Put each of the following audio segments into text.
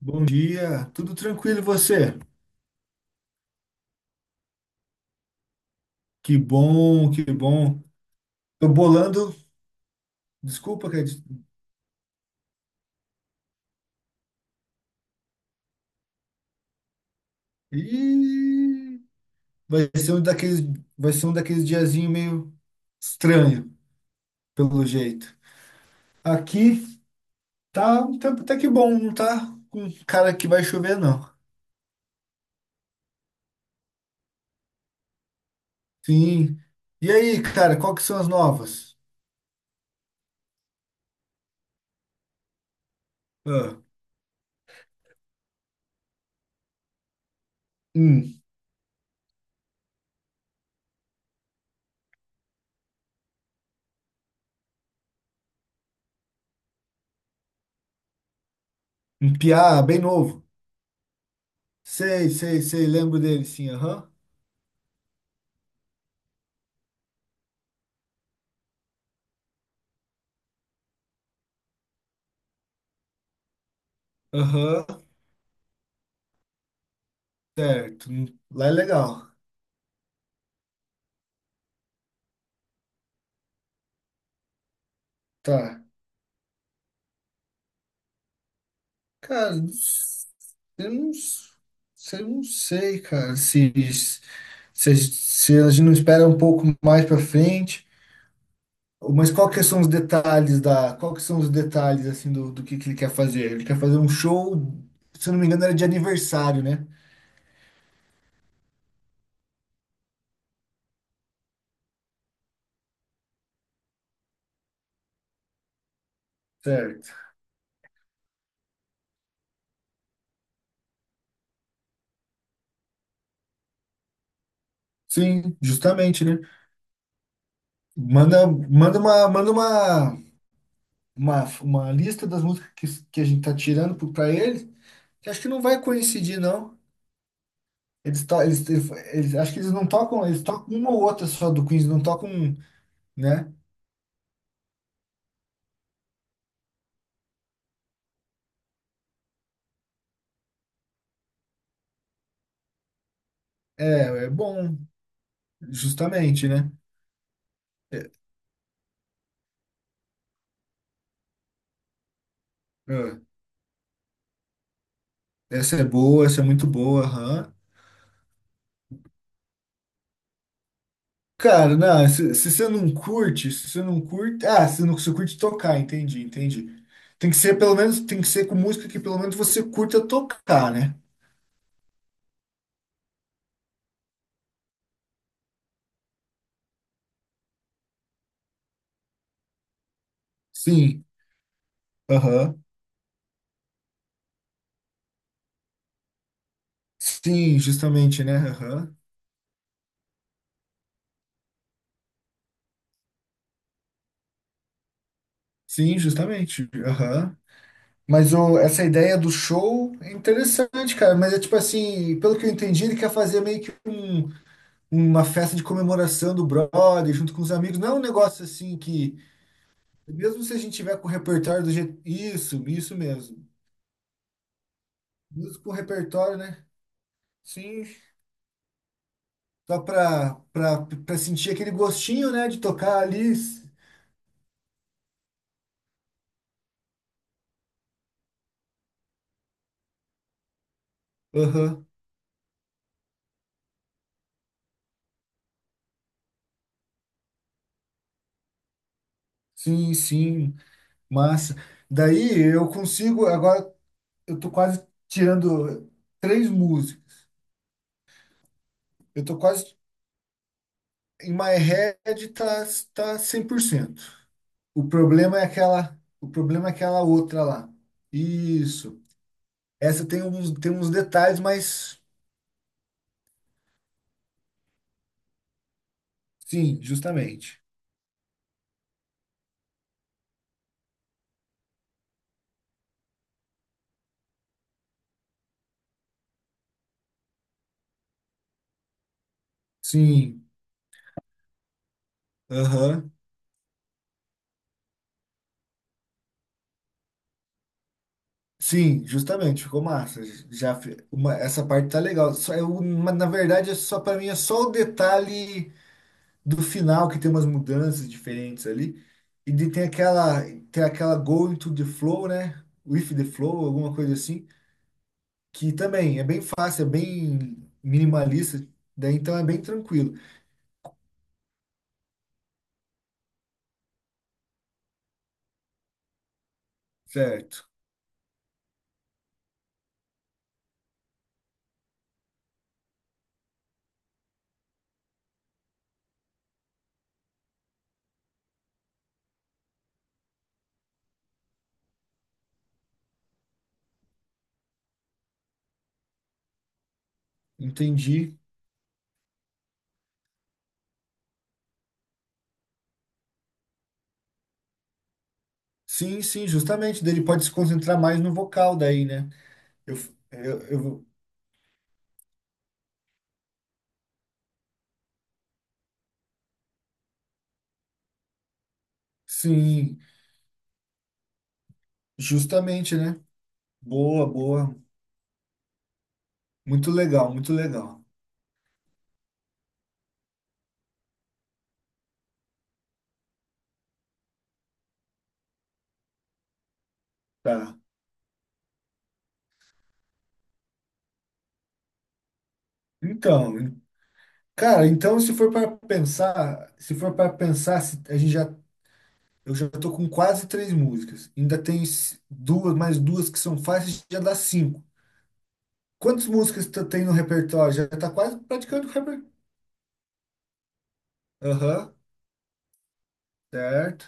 Bom dia, tudo tranquilo e você? Que bom, que bom. Tô bolando, desculpa, cara. E vai ser um daqueles, vai ser um daqueles diazinho meio estranho, pelo jeito. Aqui tá um tempo até que bom, não tá com cara que vai chover, não. Sim. E aí, cara, qual que são as novas? Ah, hum, um piá bem novo. Sei, sei, sei, lembro dele, sim, aham. Aham, certo. Lá é legal. Tá. Cara, eu não, s- eu não sei, cara, se a gente não espera um pouco mais pra frente, mas qual que são os detalhes, assim, do que ele quer fazer? Ele quer fazer um show, se eu não me engano, era de aniversário, né? Certo. Sim, justamente, né? Manda uma lista das músicas que a gente tá tirando pra ele, que acho que não vai coincidir, não. Eles, to eles, eles, eles- acho que eles não tocam, eles tocam uma ou outra só do Queens, não tocam, um, né? É, é bom, justamente, né? Ah, essa é boa, essa é muito boa, aham. Cara, não, se você não curte, se você não curte. Ah, se não se curte tocar, entendi, entendi. Tem que ser, pelo menos, tem que ser com música que pelo menos você curta tocar, né? Sim, aham. Sim, justamente, né? Aham. Sim, justamente. Aham. Mas essa ideia do show é interessante, cara. Mas é tipo assim, pelo que eu entendi, ele quer fazer meio que uma festa de comemoração do brother junto com os amigos. Não é um negócio assim que, mesmo se a gente tiver com o repertório do jeito. Isso mesmo. Mesmo com o repertório, né? Sim. Só pra sentir aquele gostinho, né, de tocar ali. Aham. Sim, sim. Massa. Daí eu consigo. Agora eu tô quase tirando três músicas. Eu tô quase Em My Head tá 100%. O problema é aquela outra lá. Isso. Essa tem uns detalhes, mas sim, justamente. Sim. Aham. Sim, justamente, ficou massa. Essa parte tá legal. Mas, na verdade, é só para mim é só o detalhe do final que tem umas mudanças diferentes ali. E de- tem aquela tem aquela Go into the Flow, né? With the Flow, alguma coisa assim, que também é bem fácil, é bem minimalista, daí então é bem tranquilo. Certo, entendi. Sim, sim, justamente, daí ele pode se concentrar mais no vocal daí, né? Eu, eu, eu- sim, justamente, né? Boa, boa. Muito legal, muito legal. Tá. Então, cara, então se for para pensar, se- a gente já eu já tô com quase três músicas. Ainda tem mais duas que são fáceis, já dá cinco. Quantas músicas tu tem no repertório? Já tá quase praticando o repertório. Aham, certo,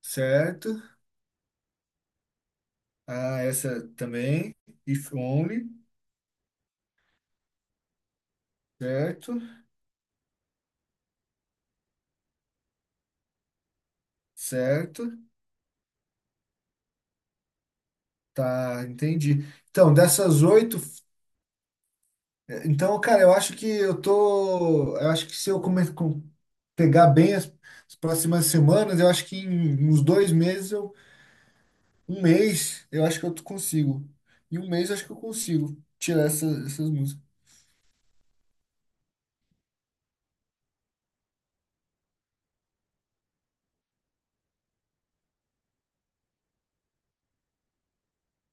certo. Ah, essa também. If Only, certo, certo. Tá, entendi. Então, dessas oito, então, cara, eu acho que se pegar bem as próximas semanas, eu acho que em uns 2 meses, um mês, eu acho que eu consigo. Em um mês, eu acho que eu consigo tirar essas músicas.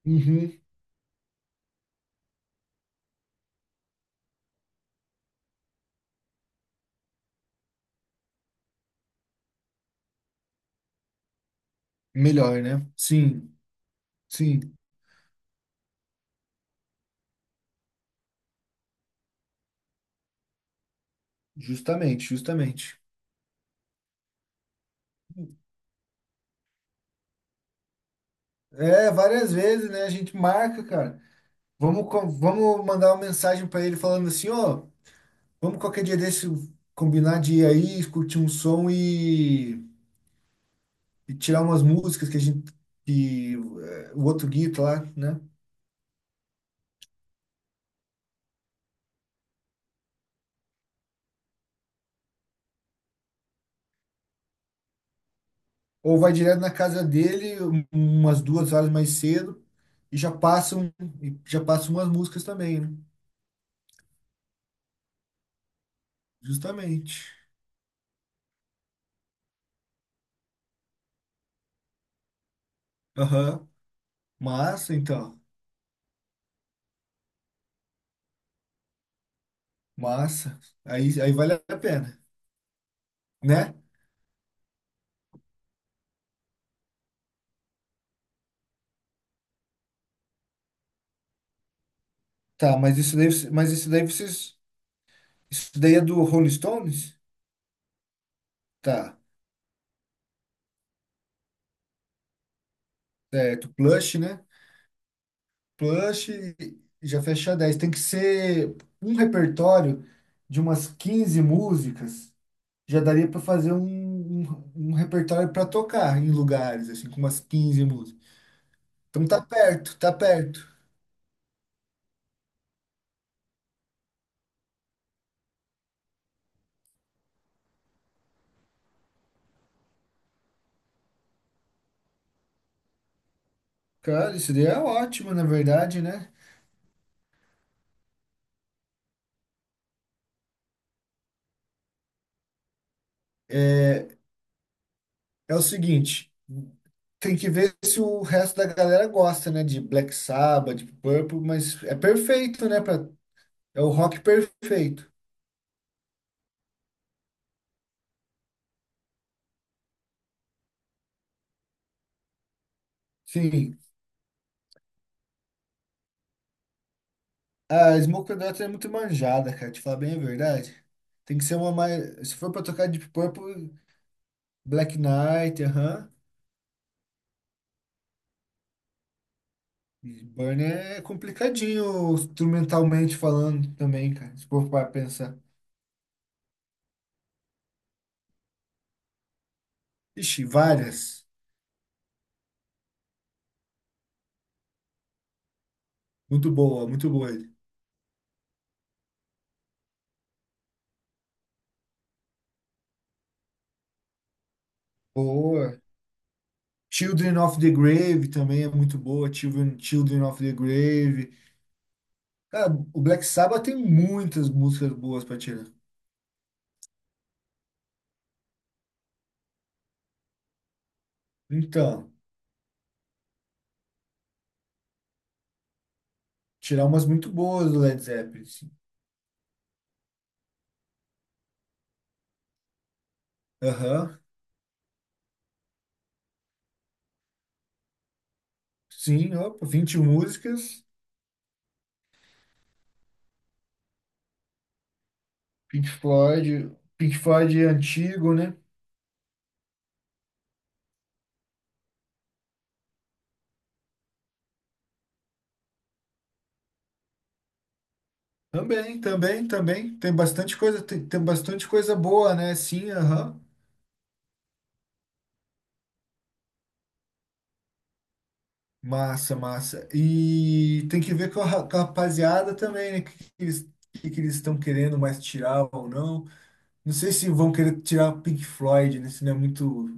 Uhum. Melhor, né? Sim. Sim, justamente, justamente. É, várias vezes, né? A gente marca, cara. Vamos mandar uma mensagem pra ele falando assim, ó, vamos qualquer dia desse combinar de ir aí, curtir um som e tirar umas músicas que a gente que o outro guita lá, né? Ou vai direto na casa dele umas 2 horas mais cedo e já passam umas músicas também, né? Justamente. Aham. Massa, então. Massa. Aí vale a pena, né? Tá, mas isso daí, você- mas isso daí vocês, isso daí é do Rolling Stones? Tá, certo, Plush, né? Plush já fecha 10. Tem que ser um repertório de umas 15 músicas. Já daria para fazer um repertório para tocar em lugares, assim, com umas 15 músicas. Então tá perto, tá perto. Cara, isso daí é ótimo, na verdade, né? É o seguinte. Tem que ver se o resto da galera gosta, né? De Black Sabbath, de Purple, mas é perfeito, né? É o rock perfeito. Sim. A Smoke on the Water é muito manjada, cara. Te falar bem a verdade. Tem que ser uma mais. Se for pra tocar Deep Purple, Black Knight, aham. E Burn é complicadinho, instrumentalmente falando também, cara. Se for pra pensar. Ixi, várias. Muito boa, muito boa. Boa. Children of the Grave também é muito boa. Children, Children of the Grave. Cara, o Black Sabbath tem muitas músicas boas para tirar. Então, tirar umas muito boas do Led Zeppelin. Sim. Aham. Sim, opa, 20 músicas. Pink Floyd. Pink Floyd é antigo, né? Também, também, também. Tem bastante coisa, tem bastante coisa boa, né? Sim, aham. Massa, massa. E tem que ver com a rapaziada também, né? O que, que eles estão querendo mais tirar ou não. Não sei se vão querer tirar o Pink Floyd, né? Se não é muito,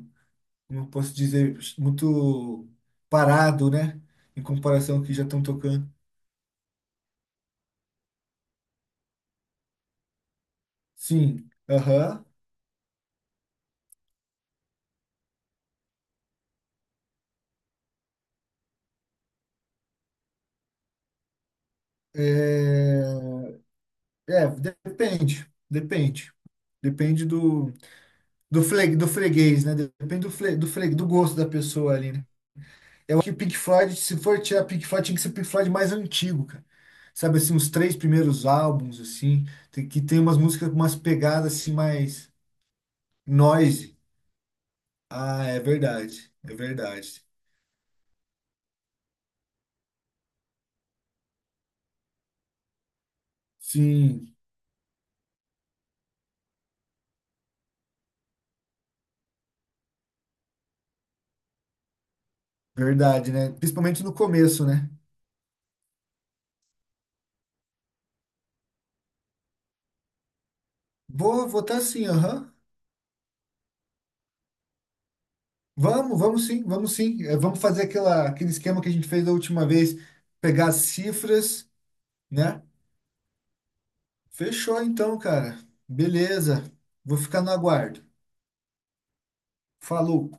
como eu posso dizer, muito parado, né? Em comparação ao que já estão tocando. Sim, aham. É, é, depende, depende. Depende do freguês, né? Depende do gosto da pessoa ali, né? Eu acho que Pink Floyd, se for tirar Pink Floyd, tinha que ser Pink Floyd mais antigo, cara. Sabe assim, os três primeiros álbuns, assim, que tem umas músicas com umas pegadas assim mais noise. Ah, é verdade, é verdade. Sim, verdade, né? Principalmente no começo, né? Vou votar sim, aham. Vamos, vamos sim, vamos sim. É, vamos fazer aquele esquema que a gente fez da última vez, pegar as cifras, né? Fechou então, cara. Beleza. Vou ficar no aguardo. Falou.